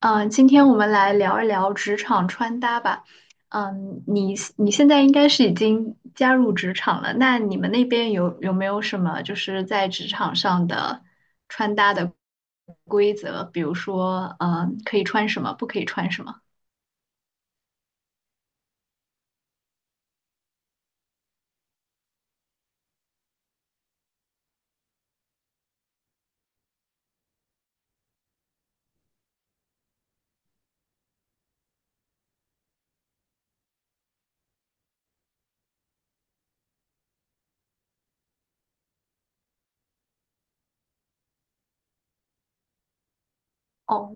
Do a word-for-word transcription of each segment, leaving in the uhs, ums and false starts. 嗯，今天我们来聊一聊职场穿搭吧。嗯，你你现在应该是已经加入职场了，那你们那边有有没有什么就是在职场上的穿搭的规则？比如说，嗯，可以穿什么，不可以穿什么？哦。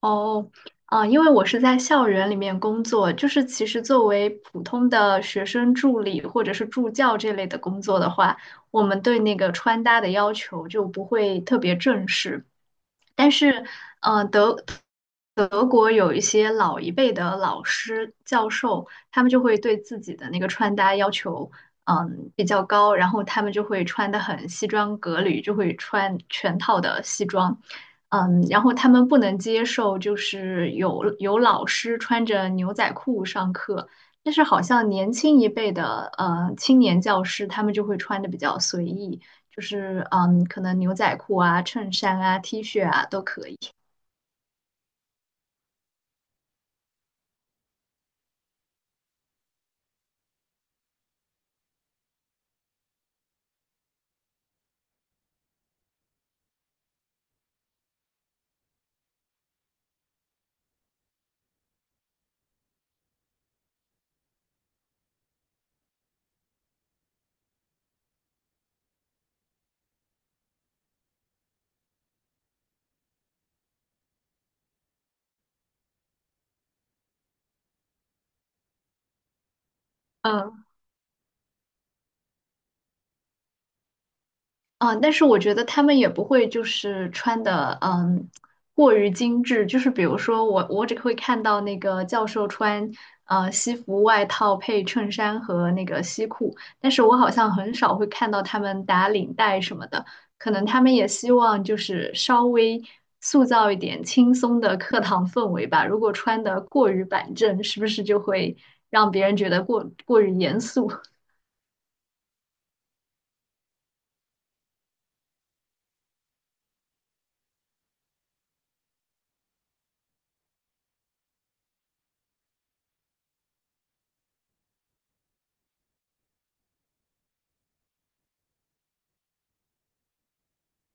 哦，啊，因为我是在校园里面工作，就是其实作为普通的学生助理或者是助教这类的工作的话，我们对那个穿搭的要求就不会特别正式。但是，呃，德德国有一些老一辈的老师、教授，他们就会对自己的那个穿搭要求，嗯，比较高，然后他们就会穿的很西装革履，就会穿全套的西装。嗯，然后他们不能接受，就是有有老师穿着牛仔裤上课，但是好像年轻一辈的呃青年教师，他们就会穿的比较随意，就是嗯，可能牛仔裤啊、衬衫啊、T 恤啊都可以。嗯。啊，但是我觉得他们也不会就是穿的，嗯，过于精致。就是比如说我，我只会看到那个教授穿呃西服外套配衬衫和那个西裤，但是我好像很少会看到他们打领带什么的。可能他们也希望就是稍微塑造一点轻松的课堂氛围吧。如果穿的过于板正，是不是就会让别人觉得过过于严肃？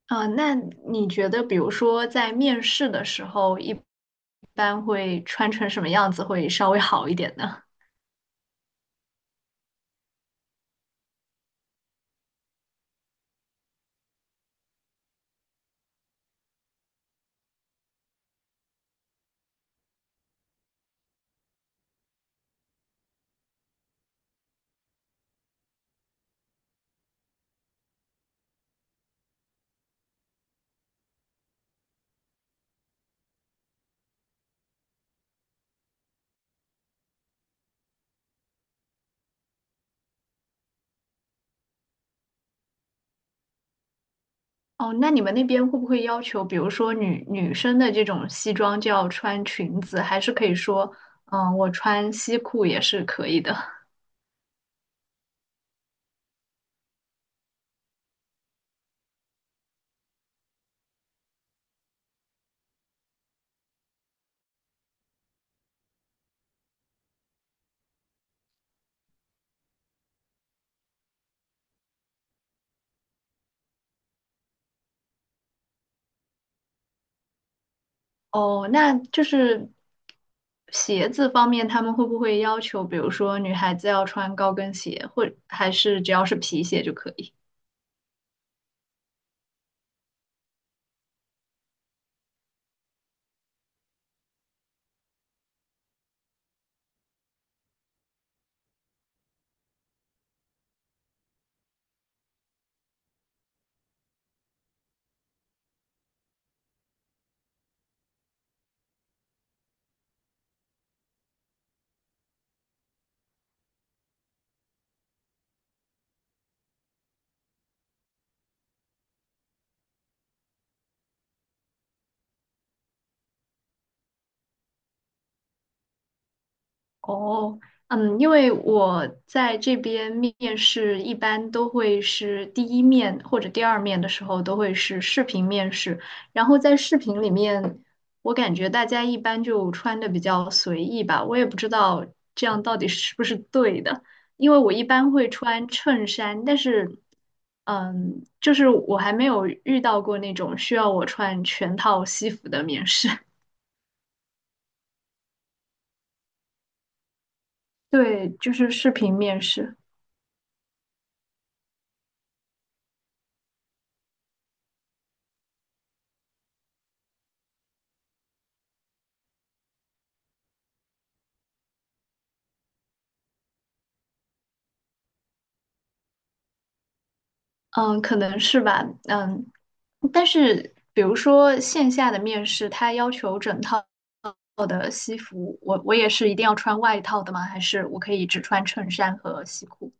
啊，那你觉得，比如说在面试的时候，一般会穿成什么样子会稍微好一点呢？哦，那你们那边会不会要求，比如说女女生的这种西装就要穿裙子，还是可以说，嗯，我穿西裤也是可以的？哦，那就是鞋子方面，他们会不会要求，比如说女孩子要穿高跟鞋，或还是只要是皮鞋就可以？哦，嗯，因为我在这边面试一般都会是第一面或者第二面的时候都会是视频面试，然后在视频里面，我感觉大家一般就穿的比较随意吧，我也不知道这样到底是不是对的，因为我一般会穿衬衫，但是，嗯，就是我还没有遇到过那种需要我穿全套西服的面试，对，就是视频面试。嗯，可能是吧，嗯，但是比如说线下的面试，他要求整套的西服，我我也是一定要穿外套的吗？还是我可以只穿衬衫和西裤？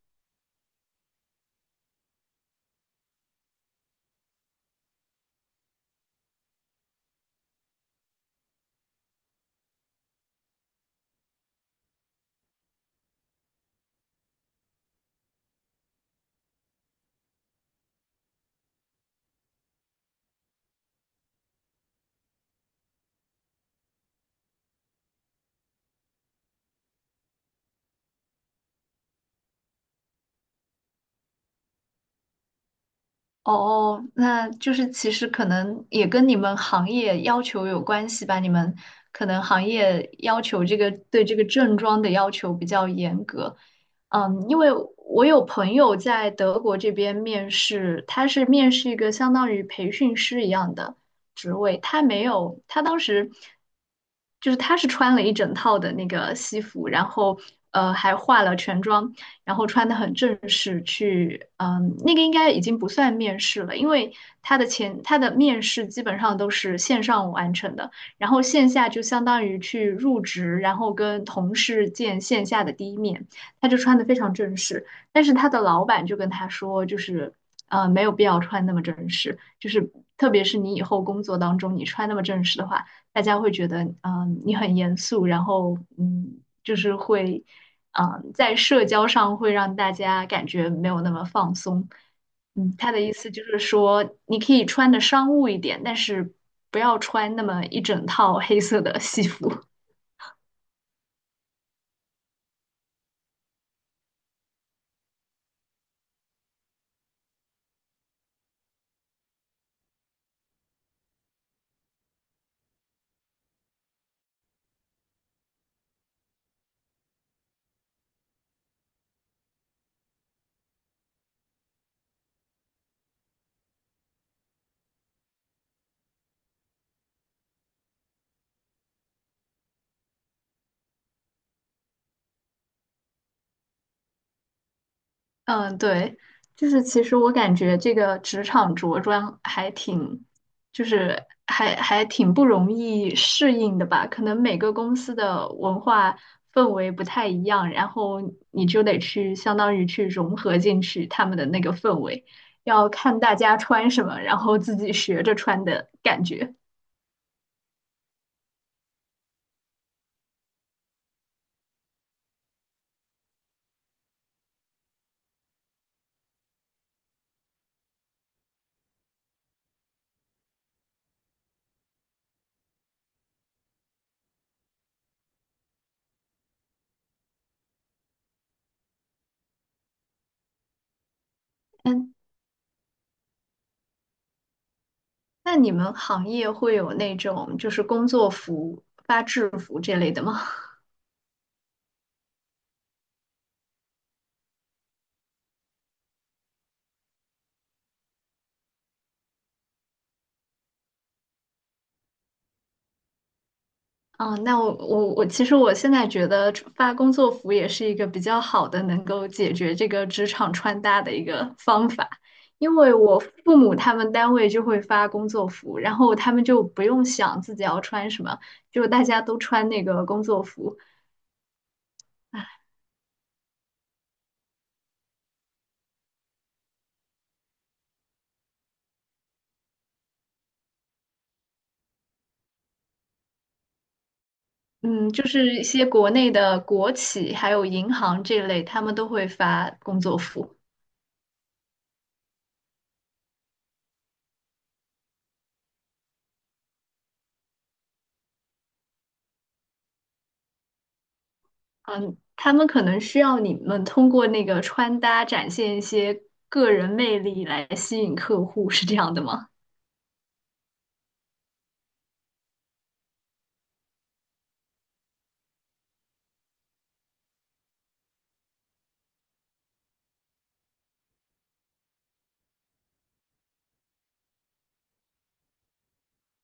哦，哦那就是其实可能也跟你们行业要求有关系吧。你们可能行业要求这个对这个正装的要求比较严格。嗯，因为我有朋友在德国这边面试，他是面试一个相当于培训师一样的职位，他没有，他当时就是他是穿了一整套的那个西服，然后呃还化了全妆，然后穿得很正式去，嗯，那个应该已经不算面试了，因为他的前他的面试基本上都是线上完成的，然后线下就相当于去入职，然后跟同事见线下的第一面，他就穿得非常正式，但是他的老板就跟他说，就是呃没有必要穿那么正式，就是特别是你以后工作当中你穿那么正式的话，大家会觉得嗯、呃你很严肃，然后嗯就是会。嗯，在社交上会让大家感觉没有那么放松。嗯，他的意思就是说，你可以穿的商务一点，但是不要穿那么一整套黑色的西服。嗯，对，就是其实我感觉这个职场着装还挺，就是还还挺不容易适应的吧。可能每个公司的文化氛围不太一样，然后你就得去相当于去融合进去他们的那个氛围，要看大家穿什么，然后自己学着穿的感觉。嗯，那你们行业会有那种就是工作服、发制服这类的吗？啊，那我我我，其实我现在觉得发工作服也是一个比较好的能够解决这个职场穿搭的一个方法，因为我父母他们单位就会发工作服，然后他们就不用想自己要穿什么，就大家都穿那个工作服。啊嗯，就是一些国内的国企还有银行这类，他们都会发工作服。嗯，他们可能需要你们通过那个穿搭展现一些个人魅力来吸引客户，是这样的吗？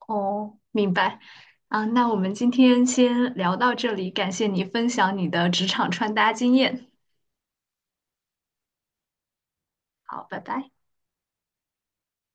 哦，明白。啊，那我们今天先聊到这里，感谢你分享你的职场穿搭经验。好，拜拜。